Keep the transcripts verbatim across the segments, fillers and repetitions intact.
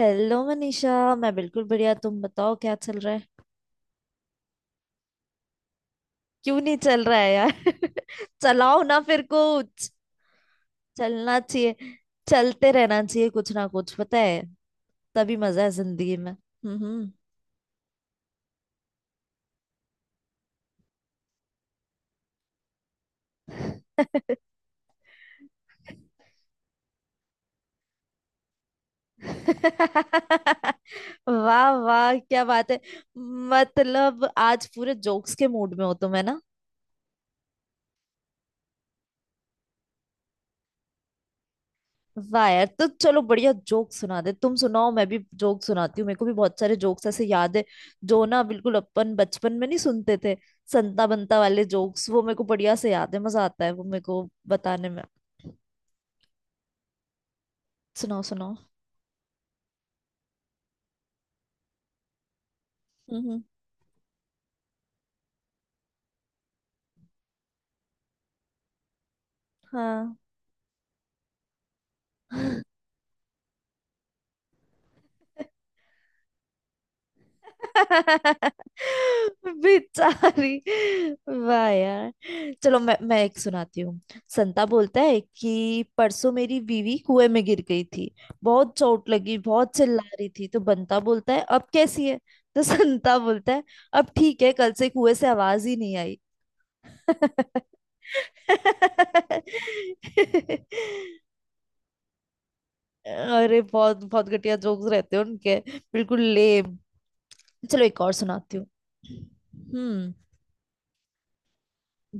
Hello Manisha, मैं बिल्कुल बढ़िया। तुम बताओ, क्या चल रहा है? क्यों नहीं चल रहा है यार? चलाओ ना फिर कुछ। चलना चाहिए। चलते रहना चाहिए कुछ ना कुछ, पता है? तभी मजा है जिंदगी में। हम्म। वाह वाह, क्या बात है। मतलब आज पूरे जोक्स के मूड में हो तुम, है ना? वाह यार, तो चलो बढ़िया जोक सुना दे। तुम सुनाओ, मैं भी जोक सुनाती हूँ। मेरे को भी बहुत सारे जोक्स ऐसे याद है जो ना बिल्कुल अपन बचपन में नहीं सुनते थे। संता बंता वाले जोक्स वो मेरे को बढ़िया से याद है। मजा आता है वो मेरे को बताने में। सुनाओ सुनाओ। हम्म हम्म, हाँ। बेचारी। वाह यार। चलो मैं मैं एक सुनाती हूँ। संता बोलता है कि परसों मेरी बीवी कुएं में गिर गई थी। बहुत चोट लगी, बहुत चिल्ला रही थी। तो बंता बोलता है, अब कैसी है? तो संता बोलता है, अब ठीक है, कल से कुएं से आवाज ही नहीं आई। अरे बहुत बहुत घटिया जोक्स रहते हैं उनके। बिल्कुल लेम। चलो एक और सुनाती हूँ। हम्म।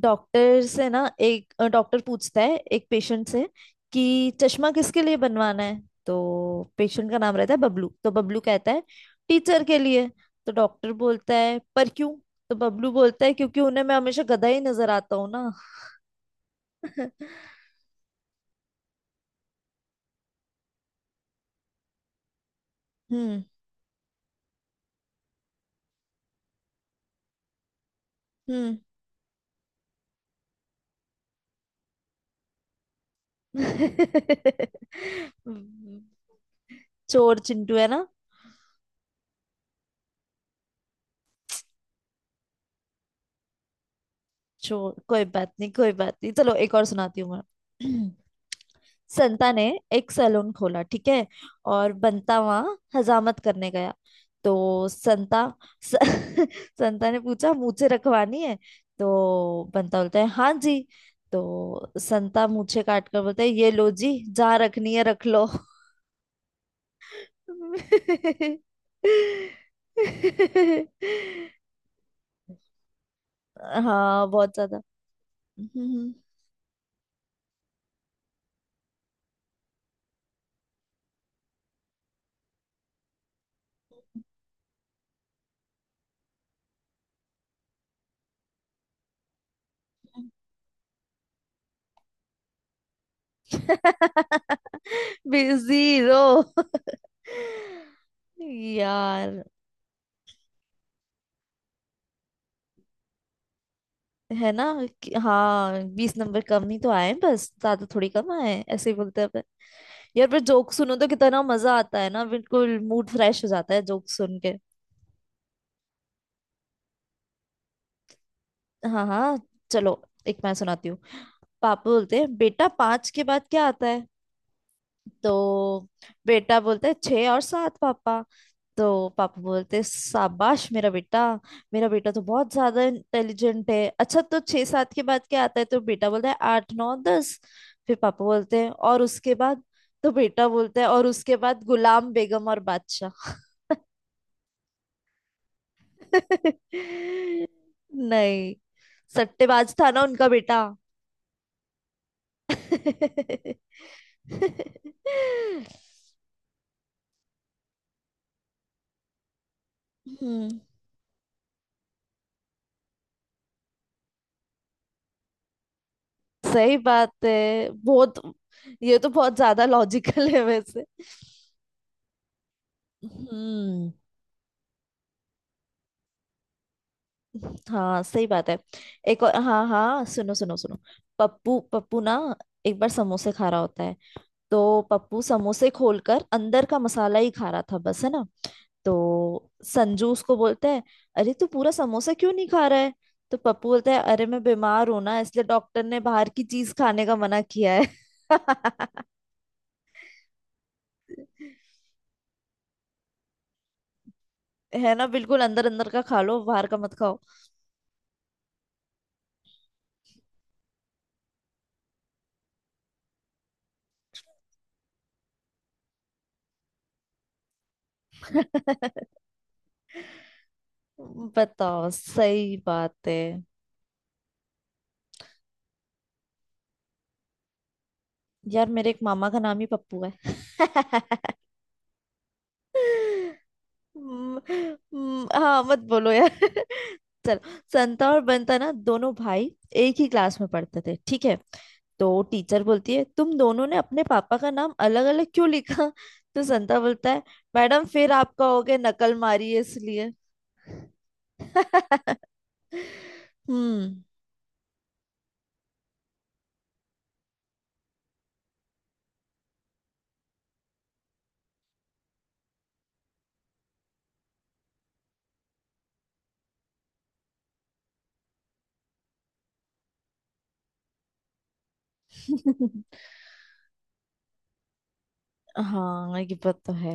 डॉक्टर से ना एक अ, डॉक्टर पूछता है एक पेशेंट से कि चश्मा किसके लिए बनवाना है। तो पेशेंट का नाम रहता है बबलू। तो बबलू कहता है, टीचर के लिए। तो डॉक्टर बोलता है, पर क्यों? तो बबलू बोलता है, क्योंकि उन्हें मैं हमेशा गधा ही नजर आता हूँ ना। हम्म हम्म। चोर चिंटू, है ना? चोर, कोई बात नहीं, कोई बात नहीं। चलो एक और सुनाती हूँ मैं। संता ने एक सैलून खोला, ठीक है, और बंता वहां हजामत करने गया। तो संता स, संता ने पूछा, मूछें रखवानी है? तो बंता बोलता है, हाँ जी। तो संता मूछें काट कर बोलता है, ये लो जी, जहाँ रखनी है रख लो। हाँ, बहुत ज्यादा। हम्म। बिजी रो। यार, है ना? कि- हाँ, बीस नंबर कम ही तो आए हैं, बस, ज्यादा थोड़ी कम आए हैं। ऐसे ही बोलते हैं अपन। यार, पर जोक सुनो तो कितना मजा आता है ना। बिल्कुल मूड फ्रेश हो जाता है जोक सुन के। हाँ हाँ। चलो एक मैं सुनाती हूँ। पापा बोलते हैं, बेटा पाँच के बाद क्या आता है? तो बेटा बोलता है, छः और सात पापा। तो पापा बोलते, शाबाश मेरा बेटा, मेरा बेटा तो बहुत ज्यादा इंटेलिजेंट है। अच्छा, तो छह सात के बाद क्या आता है? तो बेटा बोलता है, आठ नौ दस। फिर पापा बोलते हैं, और उसके बाद? तो बेटा बोलता है, और उसके बाद गुलाम बेगम और बादशाह। नहीं। सट्टेबाज था ना उनका बेटा। हम्म। सही बात है। बहुत। ये तो बहुत ज्यादा लॉजिकल है वैसे। हम्म। हाँ सही बात है। एक और, हाँ हाँ, सुनो सुनो सुनो। पप्पू, पप्पू ना एक बार समोसे खा रहा होता है। तो पप्पू समोसे खोलकर अंदर का मसाला ही खा रहा था बस, है ना? तो संजू उसको बोलता है, अरे तू पूरा समोसा क्यों नहीं खा रहा है? तो पप्पू बोलता है, अरे मैं बीमार हूं ना, इसलिए डॉक्टर ने बाहर की चीज खाने का मना किया है। है ना? बिल्कुल, अंदर अंदर का खा लो, बाहर का मत खाओ। बताओ, सही बात है। यार, मेरे एक मामा का नाम ही पप्पू है। म- म- हाँ मत बोलो यार। चलो, संता और बंता ना दोनों भाई एक ही क्लास में पढ़ते थे, ठीक है? तो टीचर बोलती है, तुम दोनों ने अपने पापा का नाम अलग अलग क्यों लिखा? तो संता बोलता है, मैडम फिर आप कहोगे नकल मारी है इसलिए। हम्म। हाँ ये बात तो है।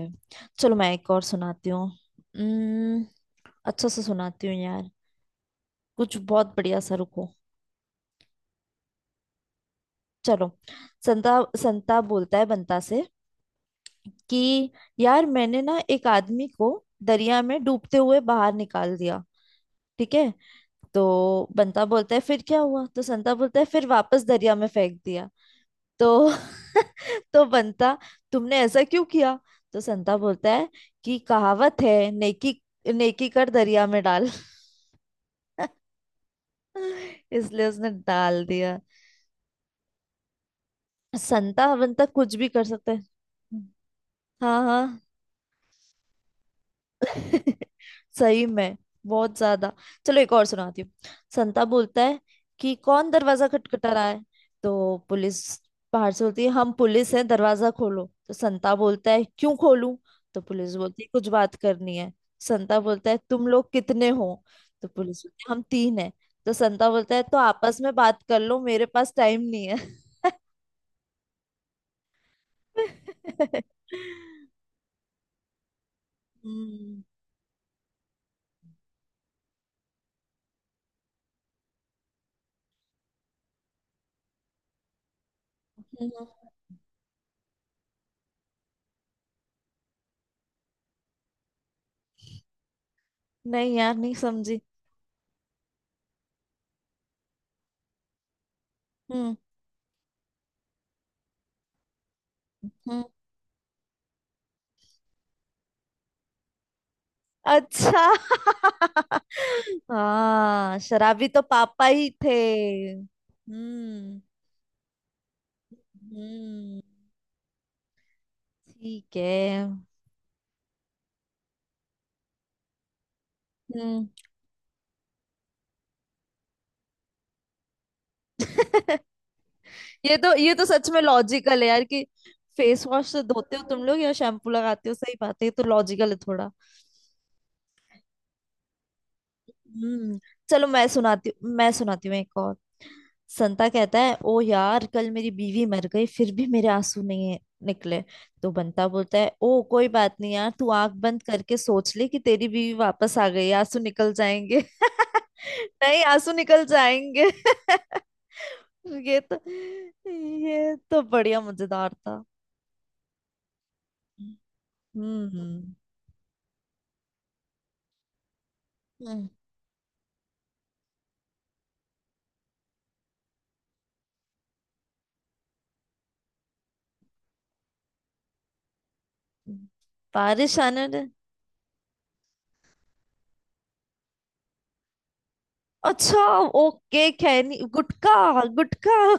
चलो मैं एक और सुनाती हूँ। हम्म, अच्छा से सुनाती हूँ यार, कुछ बहुत बढ़िया सा, रुको। चलो, संता संताप बोलता है बंता से कि यार मैंने ना एक आदमी को दरिया में डूबते हुए बाहर निकाल दिया, ठीक है? तो बंता बोलता है, फिर क्या हुआ? तो संता बोलता है, फिर वापस दरिया में फेंक दिया। तो तो बंता, तुमने ऐसा क्यों किया? तो संता बोलता है कि कहावत है, नेकी नेकी कर दरिया में डाल। इसलिए उसने डाल दिया। संता बंता कुछ भी कर सकते हैं। हाँ हाँ। सही में, बहुत ज्यादा। चलो एक और सुनाती हूँ। संता बोलता है, कि कौन दरवाजा खटखटा रहा है? तो पुलिस बाहर से बोलती है, हम पुलिस हैं, दरवाजा खोलो। तो संता बोलता है, क्यों खोलूं? तो पुलिस बोलती है, कुछ बात करनी है। संता बोलता है, तुम लोग कितने हो? तो पुलिस बोलती है, हम तीन हैं। तो संता बोलता है, तो आपस में बात कर लो, मेरे पास टाइम नहीं है। हम्म हम्म, नहीं यार, नहीं समझी। हम्म हम्म। अच्छा। हाँ शराबी तो पापा ही थे। हम्म। हम्म, ठीक है। हम्म। ये तो ये तो सच में लॉजिकल है यार कि फेस वॉश से धोते हो तुम लोग या शैम्पू लगाते हो। सही बात है, ये तो लॉजिकल है थोड़ा। हम्म। चलो मैं सुनाती हूँ, मैं सुनाती हूँ एक और। संता कहता है, ओ यार, कल मेरी बीवी मर गई, फिर भी मेरे आंसू नहीं है- निकले। तो बंता बोलता है, ओ कोई बात नहीं यार, तू आंख बंद करके सोच ले कि तेरी बीवी वापस आ गई, आंसू निकल जाएंगे। नहीं, आंसू निकल जाएंगे। ये तो ये तो बढ़िया मजेदार था। हम्म। हम्म। बारिश आने दे। अच्छा, ओके, खैनी गुटका। गुटका।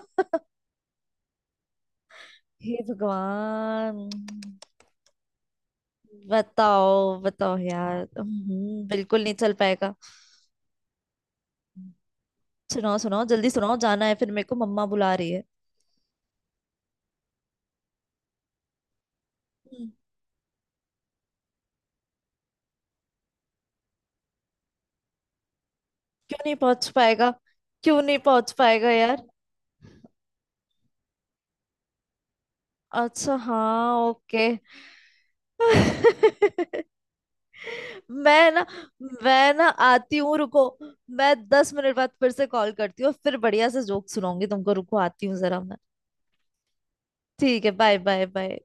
हे भगवान। बताओ बताओ यार। हम्म, बिल्कुल नहीं चल पाएगा। सुनाओ सुनाओ, जल्दी सुनाओ, जाना है फिर मेरे को, मम्मा बुला रही है। हम्म, क्यों नहीं पहुंच पाएगा? क्यों नहीं पहुंच पाएगा यार? अच्छा, हाँ ओके। मैं ना, मैं ना आती हूँ रुको। मैं दस मिनट बाद फिर से कॉल करती हूँ, फिर बढ़िया से जोक सुनाऊंगी तुमको। रुको, आती हूँ जरा मैं। ठीक है, बाय बाय बाय।